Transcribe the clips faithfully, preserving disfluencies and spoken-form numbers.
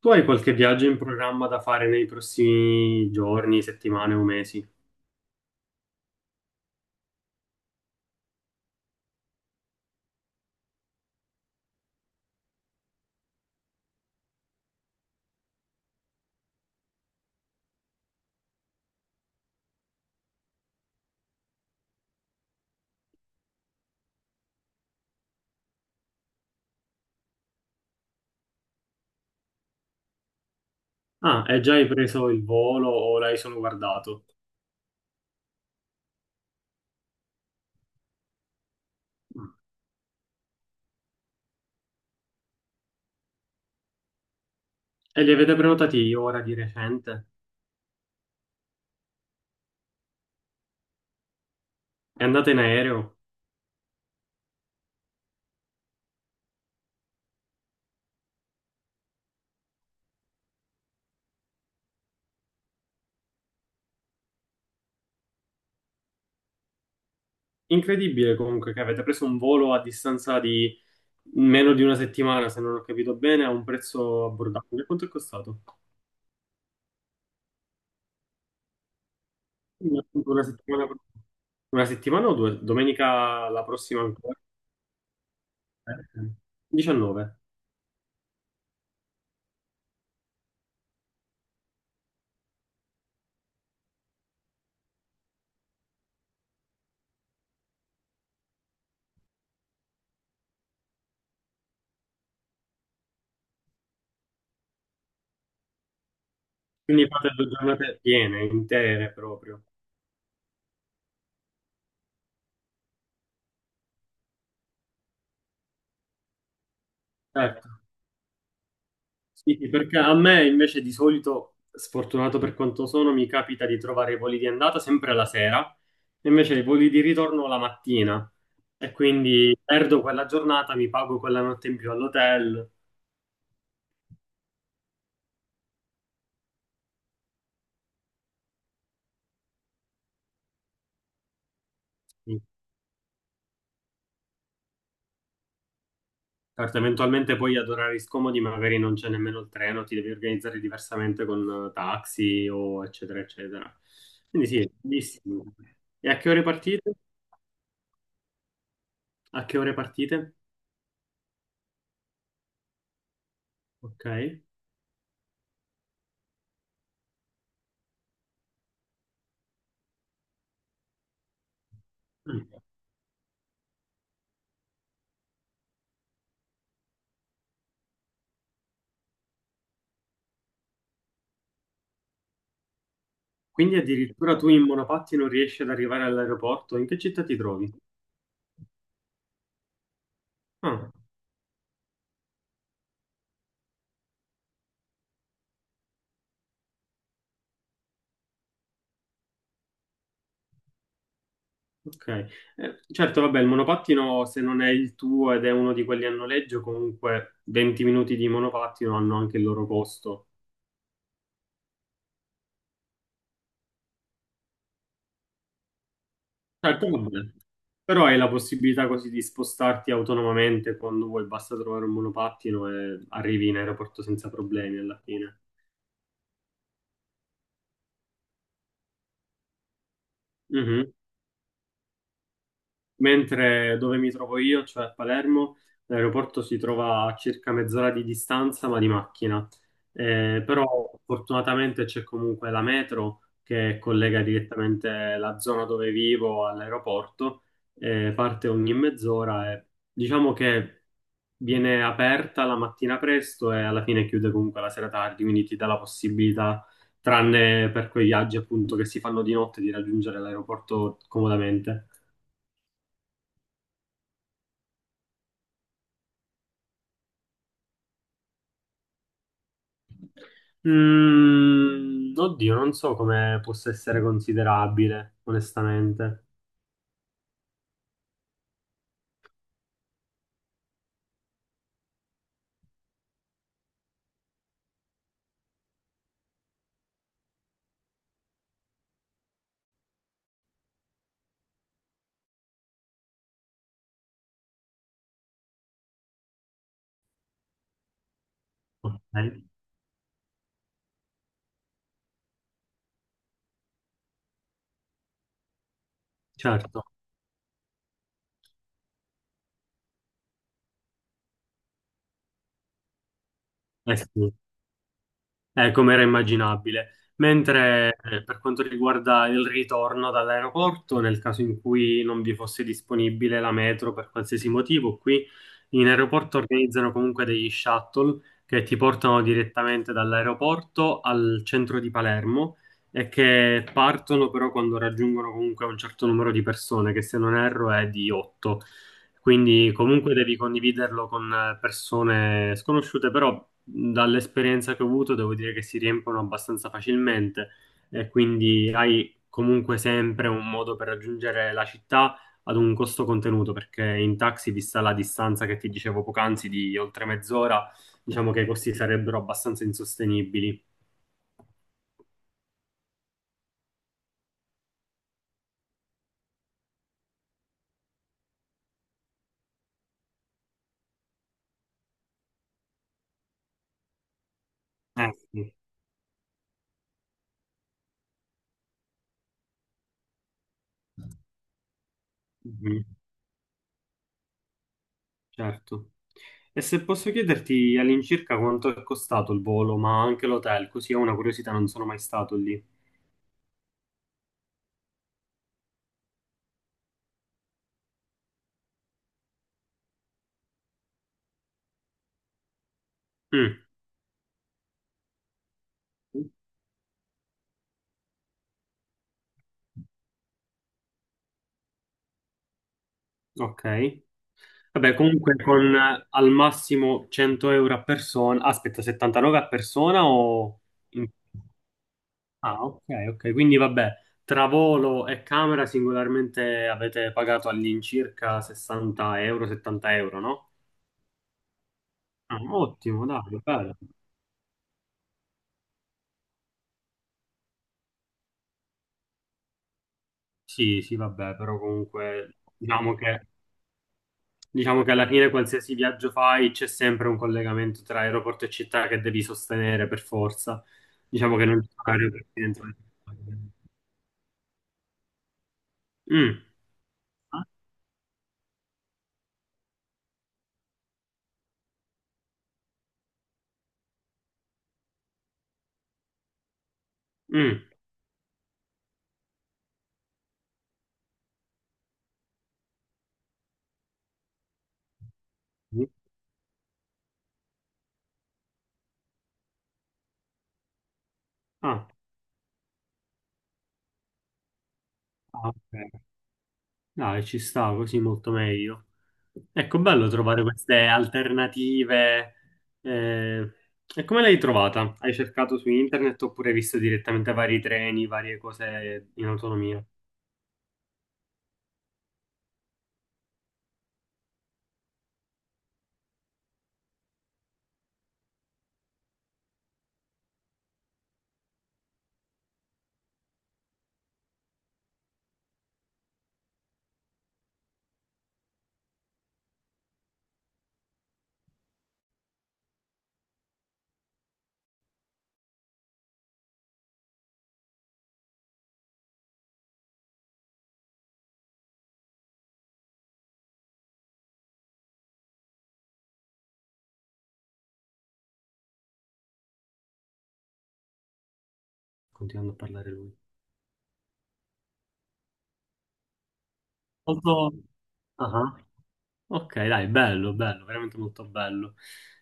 Tu hai qualche viaggio in programma da fare nei prossimi giorni, settimane o mesi? Ah, e già hai preso il volo o l'hai solo guardato? Mm. E li avete prenotati ora di recente? E andate in aereo? Incredibile comunque che avete preso un volo a distanza di meno di una settimana, se non ho capito bene, a un prezzo abbordabile. Quanto è costato? Una settimana, una settimana o due? Domenica la prossima ancora? Eh, diciannove. Quindi fate due giornate piene, intere proprio. Certo. Sì, sì, perché a me invece di solito, sfortunato per quanto sono, mi capita di trovare i voli di andata sempre la sera, e invece i voli di ritorno la mattina. E quindi perdo quella giornata, mi pago quella notte in più all'hotel. Sì. Certo, eventualmente poi ad orari scomodi magari non c'è nemmeno il treno, ti devi organizzare diversamente con eh, taxi o eccetera, eccetera. Quindi sì, bellissimo. E a che ore partite? A che ore partite? Ok. Quindi addirittura tu in monopatti non riesci ad arrivare all'aeroporto? In che città ti trovi? Ah, ok. Eh, certo, vabbè, il monopattino se non è il tuo ed è uno di quelli a noleggio, comunque venti minuti di monopattino hanno anche il loro costo. Certo, vabbè. Però hai la possibilità così di spostarti autonomamente quando vuoi, basta trovare un monopattino e arrivi in aeroporto senza problemi alla fine. Mhm. Mentre dove mi trovo io, cioè a Palermo, l'aeroporto si trova a circa mezz'ora di distanza, ma di macchina. Eh, però fortunatamente c'è comunque la metro che collega direttamente la zona dove vivo all'aeroporto, eh, parte ogni mezz'ora e diciamo che viene aperta la mattina presto e alla fine chiude comunque la sera tardi, quindi ti dà la possibilità, tranne per quei viaggi appunto che si fanno di notte, di raggiungere l'aeroporto comodamente. Mm, oddio, non so come possa essere considerabile, onestamente. Ok, certo. Eh sì. Eh, come era immaginabile. Mentre eh, per quanto riguarda il ritorno dall'aeroporto, nel caso in cui non vi fosse disponibile la metro per qualsiasi motivo, qui in aeroporto organizzano comunque degli shuttle che ti portano direttamente dall'aeroporto al centro di Palermo e che partono però quando raggiungono comunque un certo numero di persone, che se non erro è di otto. Quindi comunque devi condividerlo con eh, persone sconosciute, però dall'esperienza che ho avuto devo dire che si riempiono abbastanza facilmente e quindi hai comunque sempre un modo per raggiungere la città ad un costo contenuto, perché in taxi, vista la distanza che ti dicevo poc'anzi di oltre mezz'ora, diciamo che i costi sarebbero abbastanza insostenibili. Eh, sì. Mhm. Certo. E se posso chiederti all'incirca quanto è costato il volo, ma anche l'hotel, così è una curiosità, non sono mai stato lì. Mm. Ok. Vabbè, comunque con eh, al massimo cento euro a persona, aspetta, settantanove a persona o... in- Ah, ok, ok, quindi vabbè, tra volo e camera singolarmente avete pagato all'incirca sessanta euro, settanta euro, no? Ah, ottimo, dai, bello. Sì, sì, vabbè, però comunque diciamo che diciamo che alla fine qualsiasi viaggio fai c'è sempre un collegamento tra aeroporto e città che devi sostenere per forza. Diciamo che non ci sono aeroporti dentro le città. Mm, mm. Ah, ah, ok. Dai, ci sta così molto meglio. Ecco, bello trovare queste alternative. Eh. E come l'hai trovata? Hai cercato su internet oppure hai visto direttamente vari treni, varie cose in autonomia? Continuando a parlare lui. Molto... Ah. Ok, dai, bello, bello, veramente molto bello.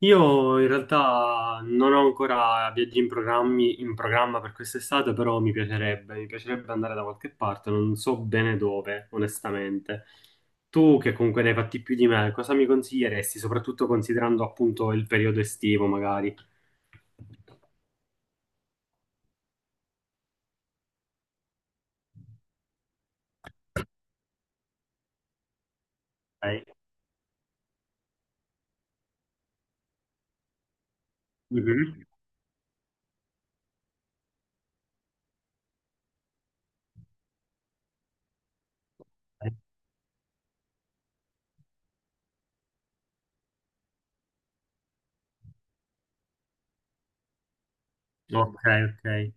Io in realtà non ho ancora viaggi in programmi, in programma per quest'estate, però mi piacerebbe, mi piacerebbe andare da qualche parte, non so bene dove, onestamente. Tu, che comunque ne hai fatti più di me, cosa mi consiglieresti, soprattutto considerando appunto il periodo estivo, magari? Ok. Mhm. Ok, ok.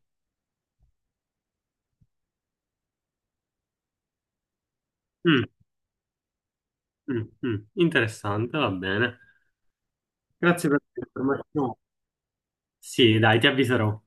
Mm, mm, mm. Interessante, va bene. Grazie per l'informazione. Sì, dai, ti avviserò.